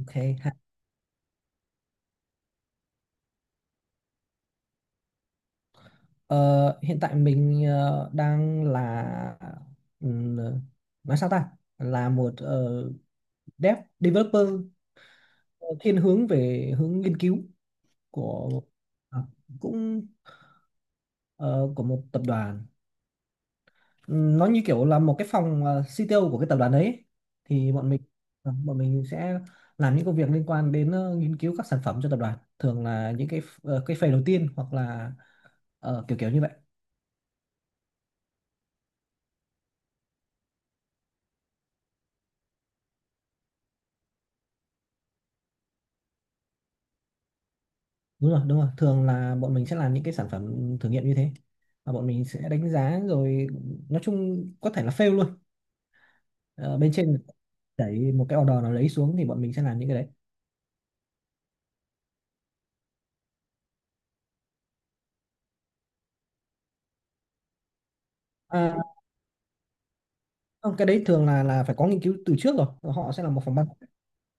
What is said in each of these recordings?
Ok. Ha. Ờ, hiện tại mình đang là ừm, nói sao ta? Là một developer ờ, thiên hướng về hướng nghiên cứu của à, cũng ờ, của một tập đoàn. Nó như kiểu là một cái phòng CTO của cái tập đoàn đấy. Thì bọn mình sẽ làm những công việc liên quan đến nghiên cứu các sản phẩm cho tập đoàn. Thường là những cái phase đầu tiên hoặc là kiểu kiểu như vậy. Đúng rồi, đúng rồi, thường là bọn mình sẽ làm những cái sản phẩm thử nghiệm như thế và bọn mình sẽ đánh giá rồi, nói chung có thể là fail luôn. Ờ, Bên trên đẩy một cái order nào lấy xuống thì bọn mình sẽ làm những cái đấy. à, Không, cái đấy thường là phải có nghiên cứu từ trước rồi, họ sẽ là một phòng ban,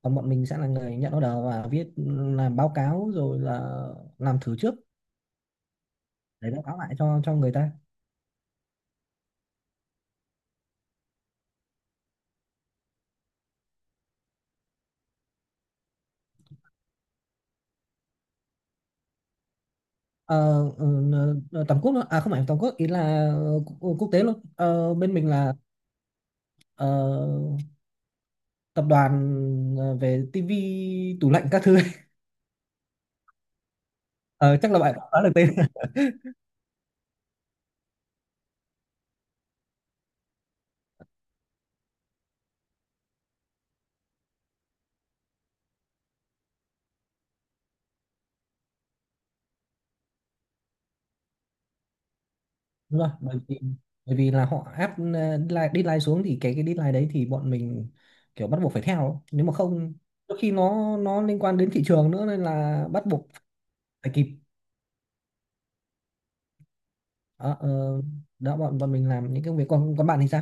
còn bọn mình sẽ là người nhận order và viết, làm báo cáo rồi là làm thử trước để báo cáo lại cho người ta. Ờ, ừ, Tầm quốc luôn, à không phải tầm quốc, ý là quốc quốc tế luôn. Ờ, Bên mình là ờ, tập đoàn về tivi tủ lạnh các thứ ấy. Ờ, Chắc là bạn cũng đoán được tên. Đúng rồi, bởi vì là họ áp deadline, xuống thì cái deadline đấy thì bọn mình kiểu bắt buộc phải theo ấy. Nếu mà không, đôi khi nó liên quan đến thị trường nữa nên là bắt buộc phải kịp. Đó, ờ, đó bọn bọn mình làm những công việc, còn còn bạn thì sao?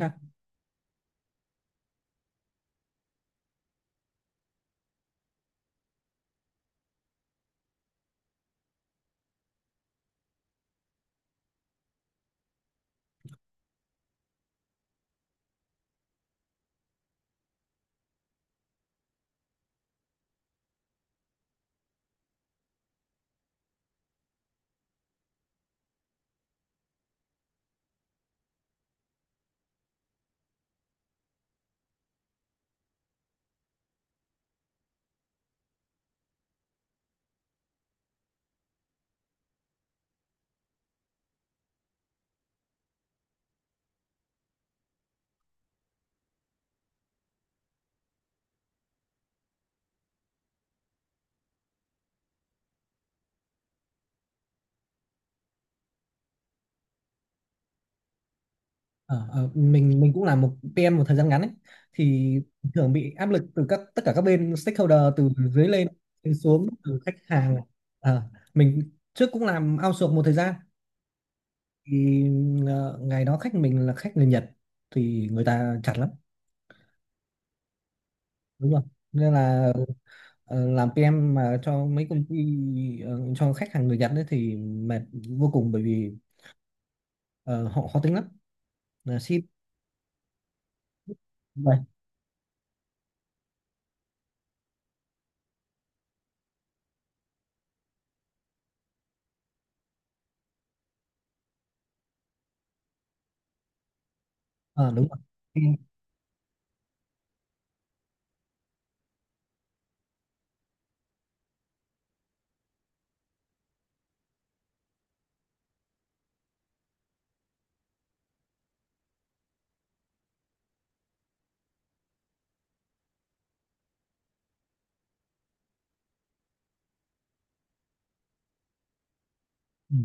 À, Ờ, ờ, mình mình cũng là một PM một thời gian ngắn ấy, thì thường bị áp lực từ các, tất cả các bên stakeholder, từ dưới lên, từ xuống, từ khách hàng. Ờ, mình trước cũng làm outsource một thời gian, thì ngày đó khách mình là khách người Nhật, thì người ta chặt lắm, đúng không, nên là làm PM mà cho mấy công ty, cho khách hàng người Nhật đấy thì mệt vô cùng, bởi vì ờ, họ khó tính lắm, là ship vậy. Ờ, Đúng rồi. Ừ.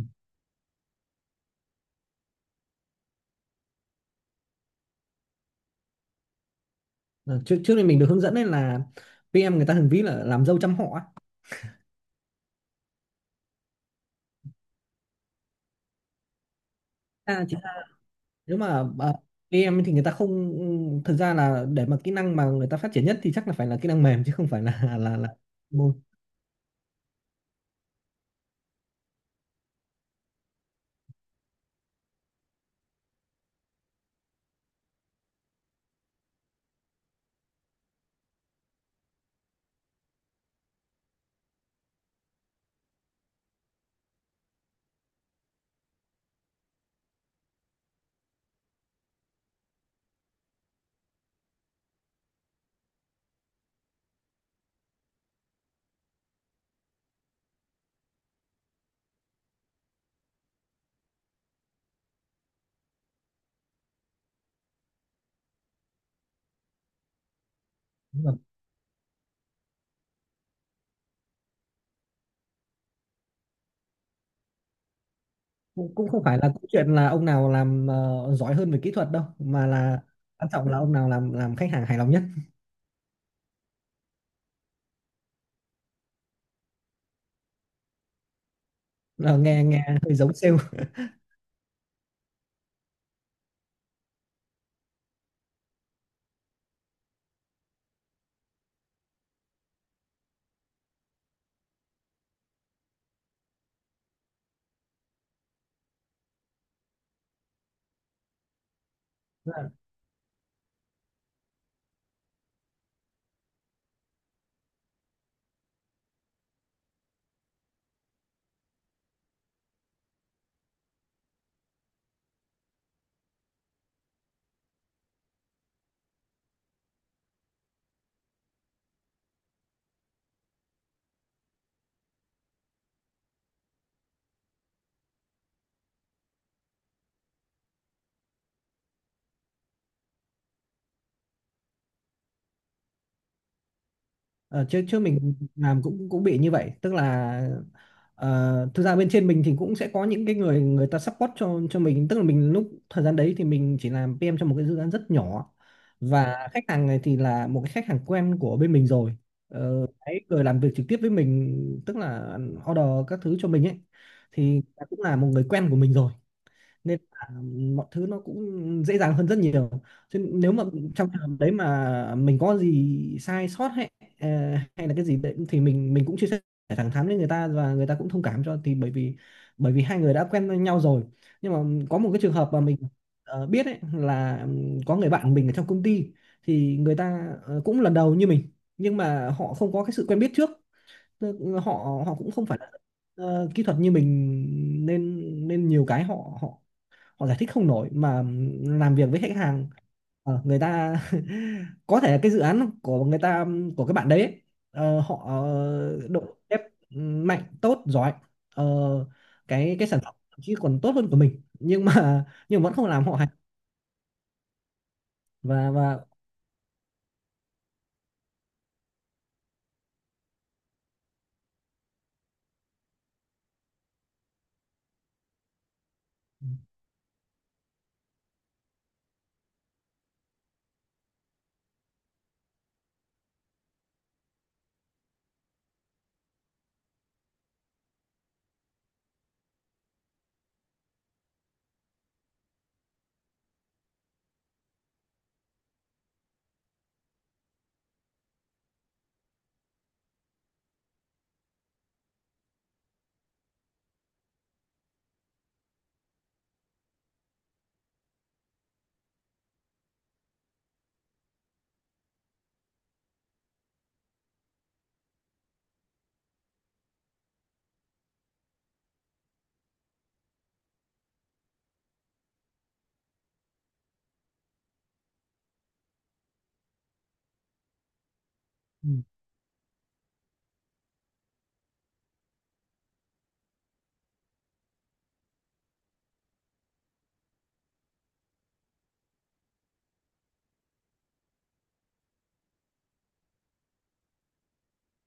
Ờ, trước trước đây mình được hướng dẫn nên là PM người ta thường ví là làm dâu trăm họ á. à, chỉ, Nếu mà ờ, PM thì người ta không, thực ra là để mà kỹ năng mà người ta phát triển nhất thì chắc là phải là kỹ năng mềm, chứ không phải là là môn. Đúng rồi. Cũng cũng không phải là câu chuyện là ông nào làm giỏi hơn về kỹ thuật đâu, mà là quan trọng là ông nào làm, khách hàng hài lòng nhất. Ờ, nghe nghe hơi giống sale. Ờ, chứ chứ mình làm cũng cũng bị như vậy, tức là thực ra bên trên mình thì cũng sẽ có những cái người, người ta support cho mình, tức là mình lúc thời gian đấy thì mình chỉ làm PM cho một cái dự án rất nhỏ, và khách hàng này thì là một cái khách hàng quen của bên mình rồi. Đấy, người làm việc trực tiếp với mình, tức là order các thứ cho mình ấy, thì cũng là một người quen của mình rồi, nên là mọi thứ nó cũng dễ dàng hơn rất nhiều, chứ nếu mà trong trường hợp đấy mà mình có gì sai sót, hay ờ, hay là cái gì đấy, thì mình cũng chia sẻ thẳng thắn với người ta, và người ta cũng thông cảm cho, thì bởi vì hai người đã quen với nhau rồi. Nhưng mà có một cái trường hợp mà mình biết ấy, là có người bạn mình ở trong công ty, thì người ta cũng lần đầu như mình, nhưng mà họ không có cái sự quen biết trước. Tức họ họ cũng không phải là kỹ thuật như mình, nên nên nhiều cái họ họ họ giải thích không nổi, mà làm việc với khách hàng, người ta có thể cái dự án của người ta, của các bạn đấy ấy, họ độ ép mạnh, tốt, giỏi, ờ, cái sản phẩm thậm chí còn tốt hơn của mình, nhưng mà nhưng vẫn không làm họ hài. và và ừ,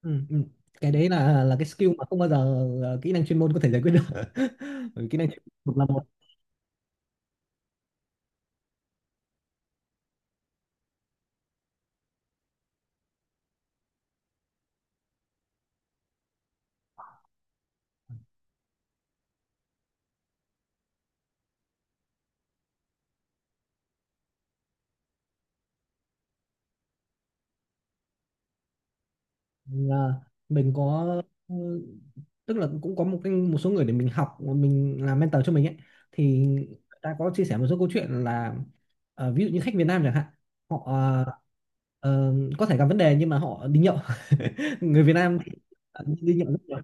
ừ, ừ. cái đấy là cái skill mà không bao giờ kỹ năng chuyên môn có thể giải quyết được. Bởi vì kỹ năng chuyên môn là một, là mình có ừ, tức là cũng có một cái, một số người để mình học, mình làm mentor cho mình ấy, thì người ta có chia sẻ một số câu chuyện là ví dụ như khách Việt Nam chẳng hạn, họ có thể gặp vấn đề nhưng mà họ đi nhậu. Người Việt Nam đi nhậu rất nhiều.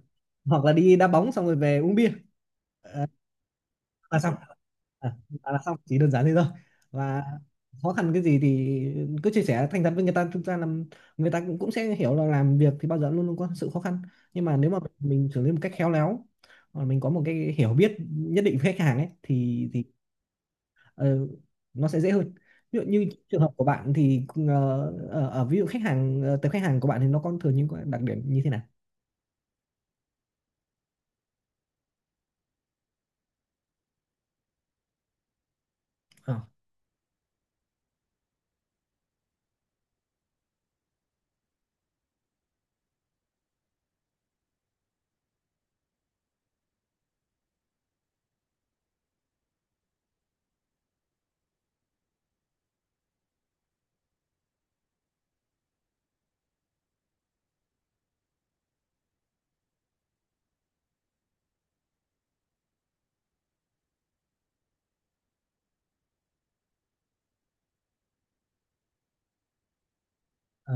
Hoặc là đi đá bóng xong rồi về uống bia là xong. À, à, là xong, chỉ đơn giản thế thôi, và khó khăn cái gì thì cứ chia sẻ thành thật với người ta, thực ra là người ta cũng cũng sẽ hiểu là làm việc thì bao giờ luôn luôn có sự khó khăn, nhưng mà nếu mà mình xử lý một cách khéo léo, hoặc mình có một cái hiểu biết nhất định với khách hàng ấy, thì ờ, nó sẽ dễ hơn. Ví dụ như trường hợp của bạn thì ờ, ở, ở ví dụ khách hàng, tập khách hàng của bạn thì nó có thường những cái đặc điểm như thế nào? ờ ờ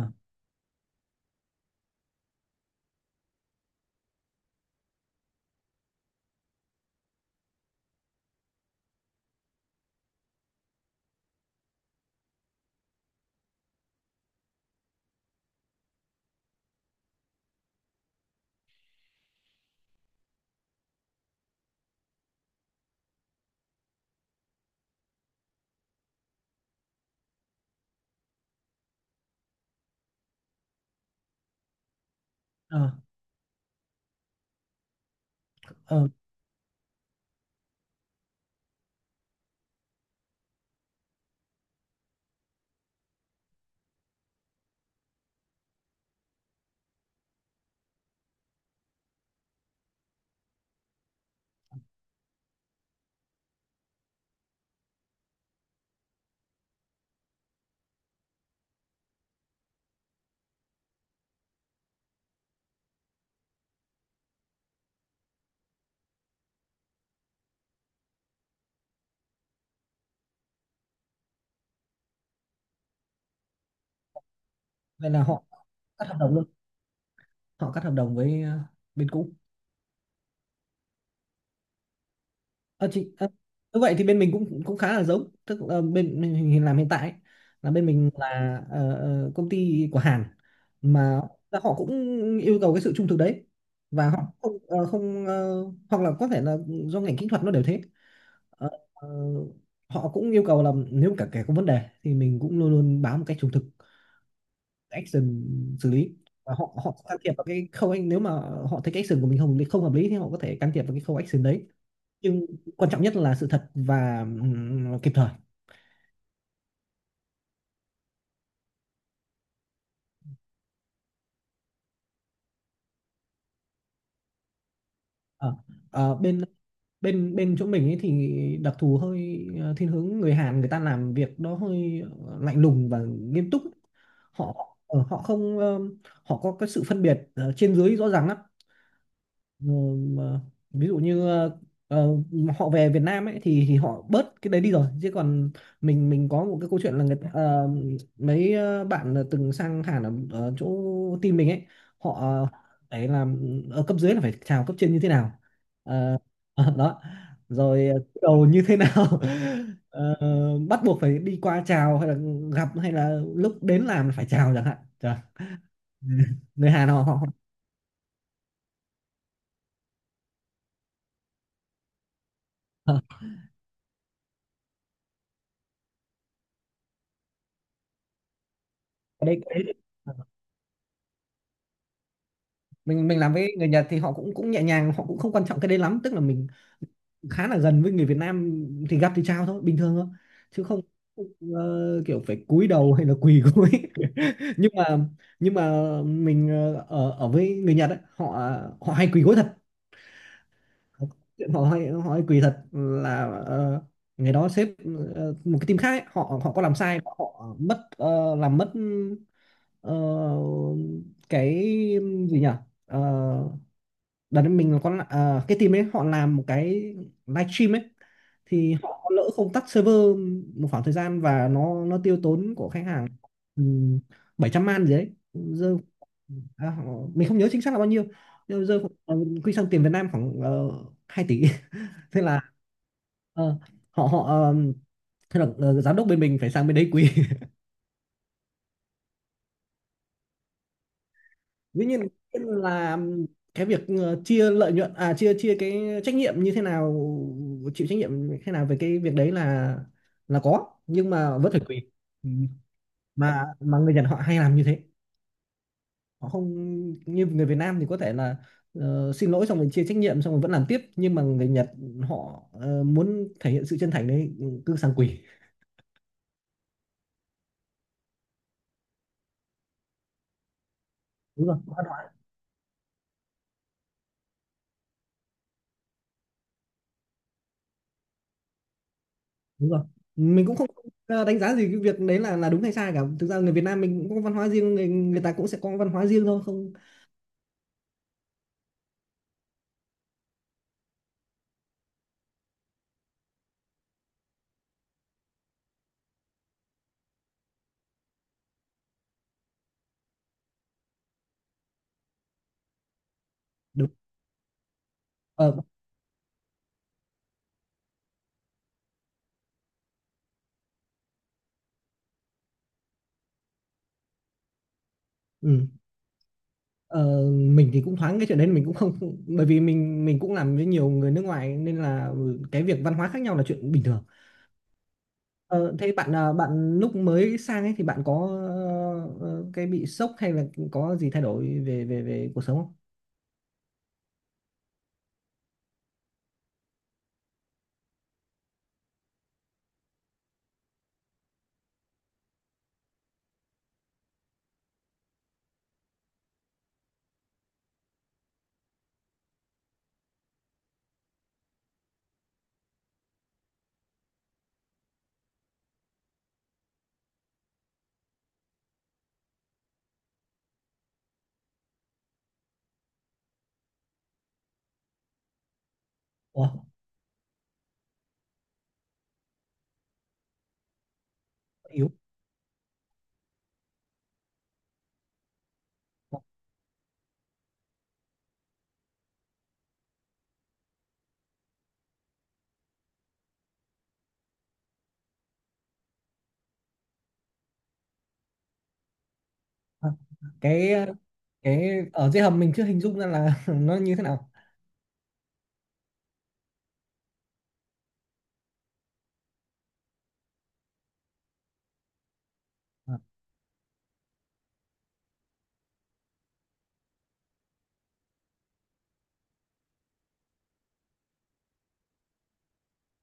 ờ ờ Vậy là họ cắt hợp đồng luôn, họ cắt hợp đồng với bên cũ. Ờ, thì như vậy thì bên mình cũng cũng khá là giống, tức là bên mình làm hiện tại ấy, là bên mình là công ty của Hàn, mà họ cũng yêu cầu cái sự trung thực đấy, và họ không ờ, không ờ, hoặc là có thể là do ngành kỹ thuật nó đều thế. Ờ, ờ, Họ cũng yêu cầu là nếu cả kẻ có vấn đề thì mình cũng luôn luôn báo một cách trung thực, action xử lý, và họ họ can thiệp vào cái khâu, anh nếu mà họ thấy cái action của mình không không hợp lý thì họ có thể can thiệp vào cái khâu action đấy, nhưng quan trọng nhất là sự thật và kịp thời. Ờ, ờ, bên bên bên chỗ mình ấy thì đặc thù hơi thiên hướng người Hàn, người ta làm việc đó hơi lạnh lùng và nghiêm túc. Họ ờ, họ không ờ, họ có cái sự phân biệt trên dưới rõ ràng lắm. Ờ, mà ví dụ như ờ, họ về Việt Nam ấy thì họ bớt cái đấy đi rồi, chứ còn mình, có một cái câu chuyện là mấy bạn là từng sang Hàn ở, chỗ team mình ấy, họ, ấy là ở cấp dưới là phải chào cấp trên như thế nào. Ờ, Đó, rồi cúi đầu như thế nào. Ờ, Bắt buộc phải đi qua chào, hay là gặp, hay là lúc đến làm phải chào chẳng hạn. Trời. Người Hàn họ họ họ- đấy. Mình làm với người Nhật thì họ cũng cũng nhẹ nhàng, họ cũng không quan trọng cái đấy lắm, tức là mình khá là gần với người Việt Nam, thì gặp thì chào thôi, bình thường thôi, chứ không kiểu phải cúi đầu hay là quỳ gối. Nhưng mà nhưng mà mình, ờ, ở ở với người Nhật ấy, họ họ hay quỳ gối thật. Họ hay quỳ thật, là ngày đó sếp một cái team khác ấy, họ họ có làm sai, họ mất, làm mất ờ, cái gì nhỉ. Ờ, Đợt đấy mình có cái team ấy họ làm một cái livestream ấy, thì họ có lỡ không tắt server một khoảng thời gian, và nó tiêu tốn của khách hàng um, 700 man gì đấy rơi. à, họ, mình không nhớ chính xác là bao nhiêu, nhưng rơi quy sang tiền Việt Nam khoảng uh, 2 tỷ. Thế là, ờ, họ họ ờ, thế là giám đốc bên mình phải sang bên đấy quý, dĩ nhiên là cái việc chia lợi nhuận, à chia chia cái trách nhiệm như thế nào, chịu trách nhiệm như thế nào về cái việc đấy là có, nhưng mà vẫn phải tùy. Ừ. Mà người Nhật họ hay làm như thế, họ không như người Việt Nam thì có thể là xin lỗi xong rồi chia trách nhiệm xong rồi vẫn làm tiếp, nhưng mà người Nhật họ muốn thể hiện sự chân thành đấy, cứ sang quỳ. Đúng rồi, đúng rồi, mình cũng không đánh giá gì cái việc đấy là đúng hay sai cả, thực ra người Việt Nam mình cũng có văn hóa riêng, người người ta cũng sẽ có văn hóa riêng thôi, không đúng. ờ, ừ. Ờ, mình thì cũng thoáng cái chuyện đấy, mình cũng không, bởi vì mình cũng làm với nhiều người nước ngoài nên là cái việc văn hóa khác nhau là chuyện bình thường. Ờ, Thế bạn, ờ, bạn lúc mới sang ấy thì bạn có cái bị sốc hay là có gì thay đổi về về về cuộc sống không? Ủa, yếu. Ờ, cái ở dưới hầm mình chưa hình dung ra là nó như thế nào. Ờ.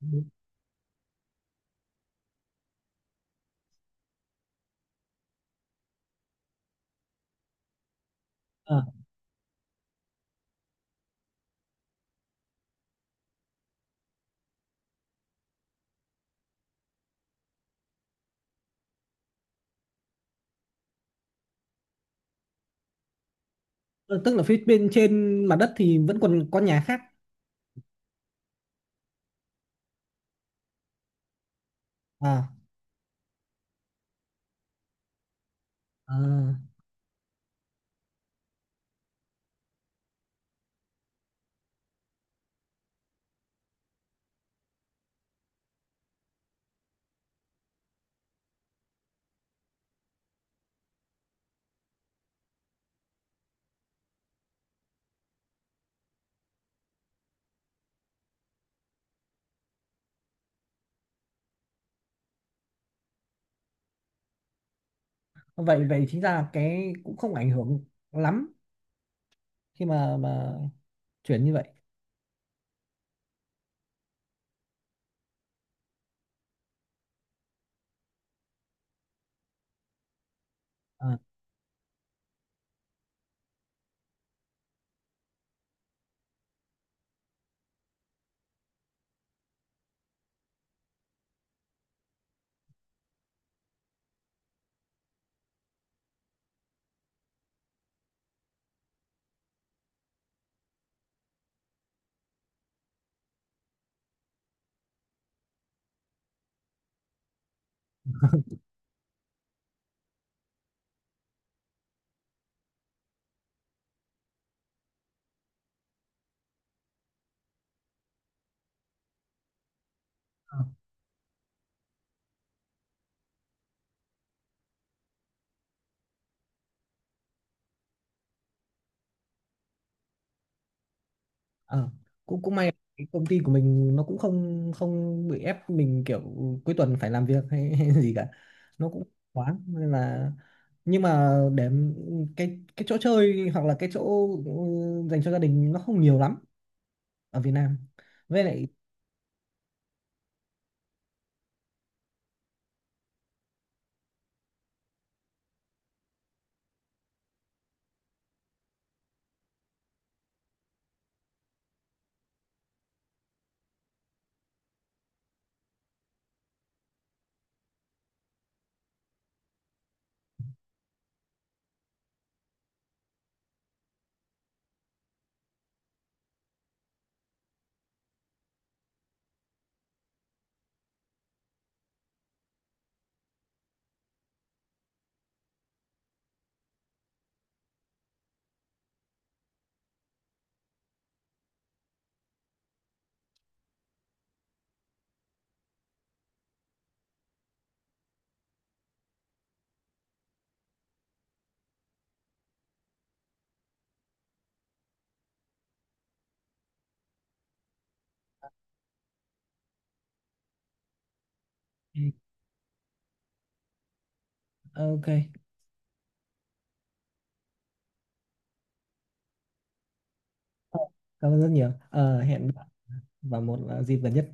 Ờ, ờ, Tức là phía bên trên mặt đất thì vẫn còn có nhà khác. À, à, vậy vậy chính ra cái cũng không ảnh hưởng lắm khi mà chuyển như vậy. À, à, à. Cũng cũng may cái công ty của mình nó cũng không không bị ép mình kiểu cuối tuần phải làm việc hay, hay gì cả, nó cũng thoáng nên là. Nhưng mà để, cái chỗ chơi hoặc là cái chỗ dành cho gia đình nó không nhiều lắm ở Việt Nam, với lại ừ, ok. Ờ, Cảm ơn rất nhiều. Ờ, hẹn bạn vào một dịp gần nhất.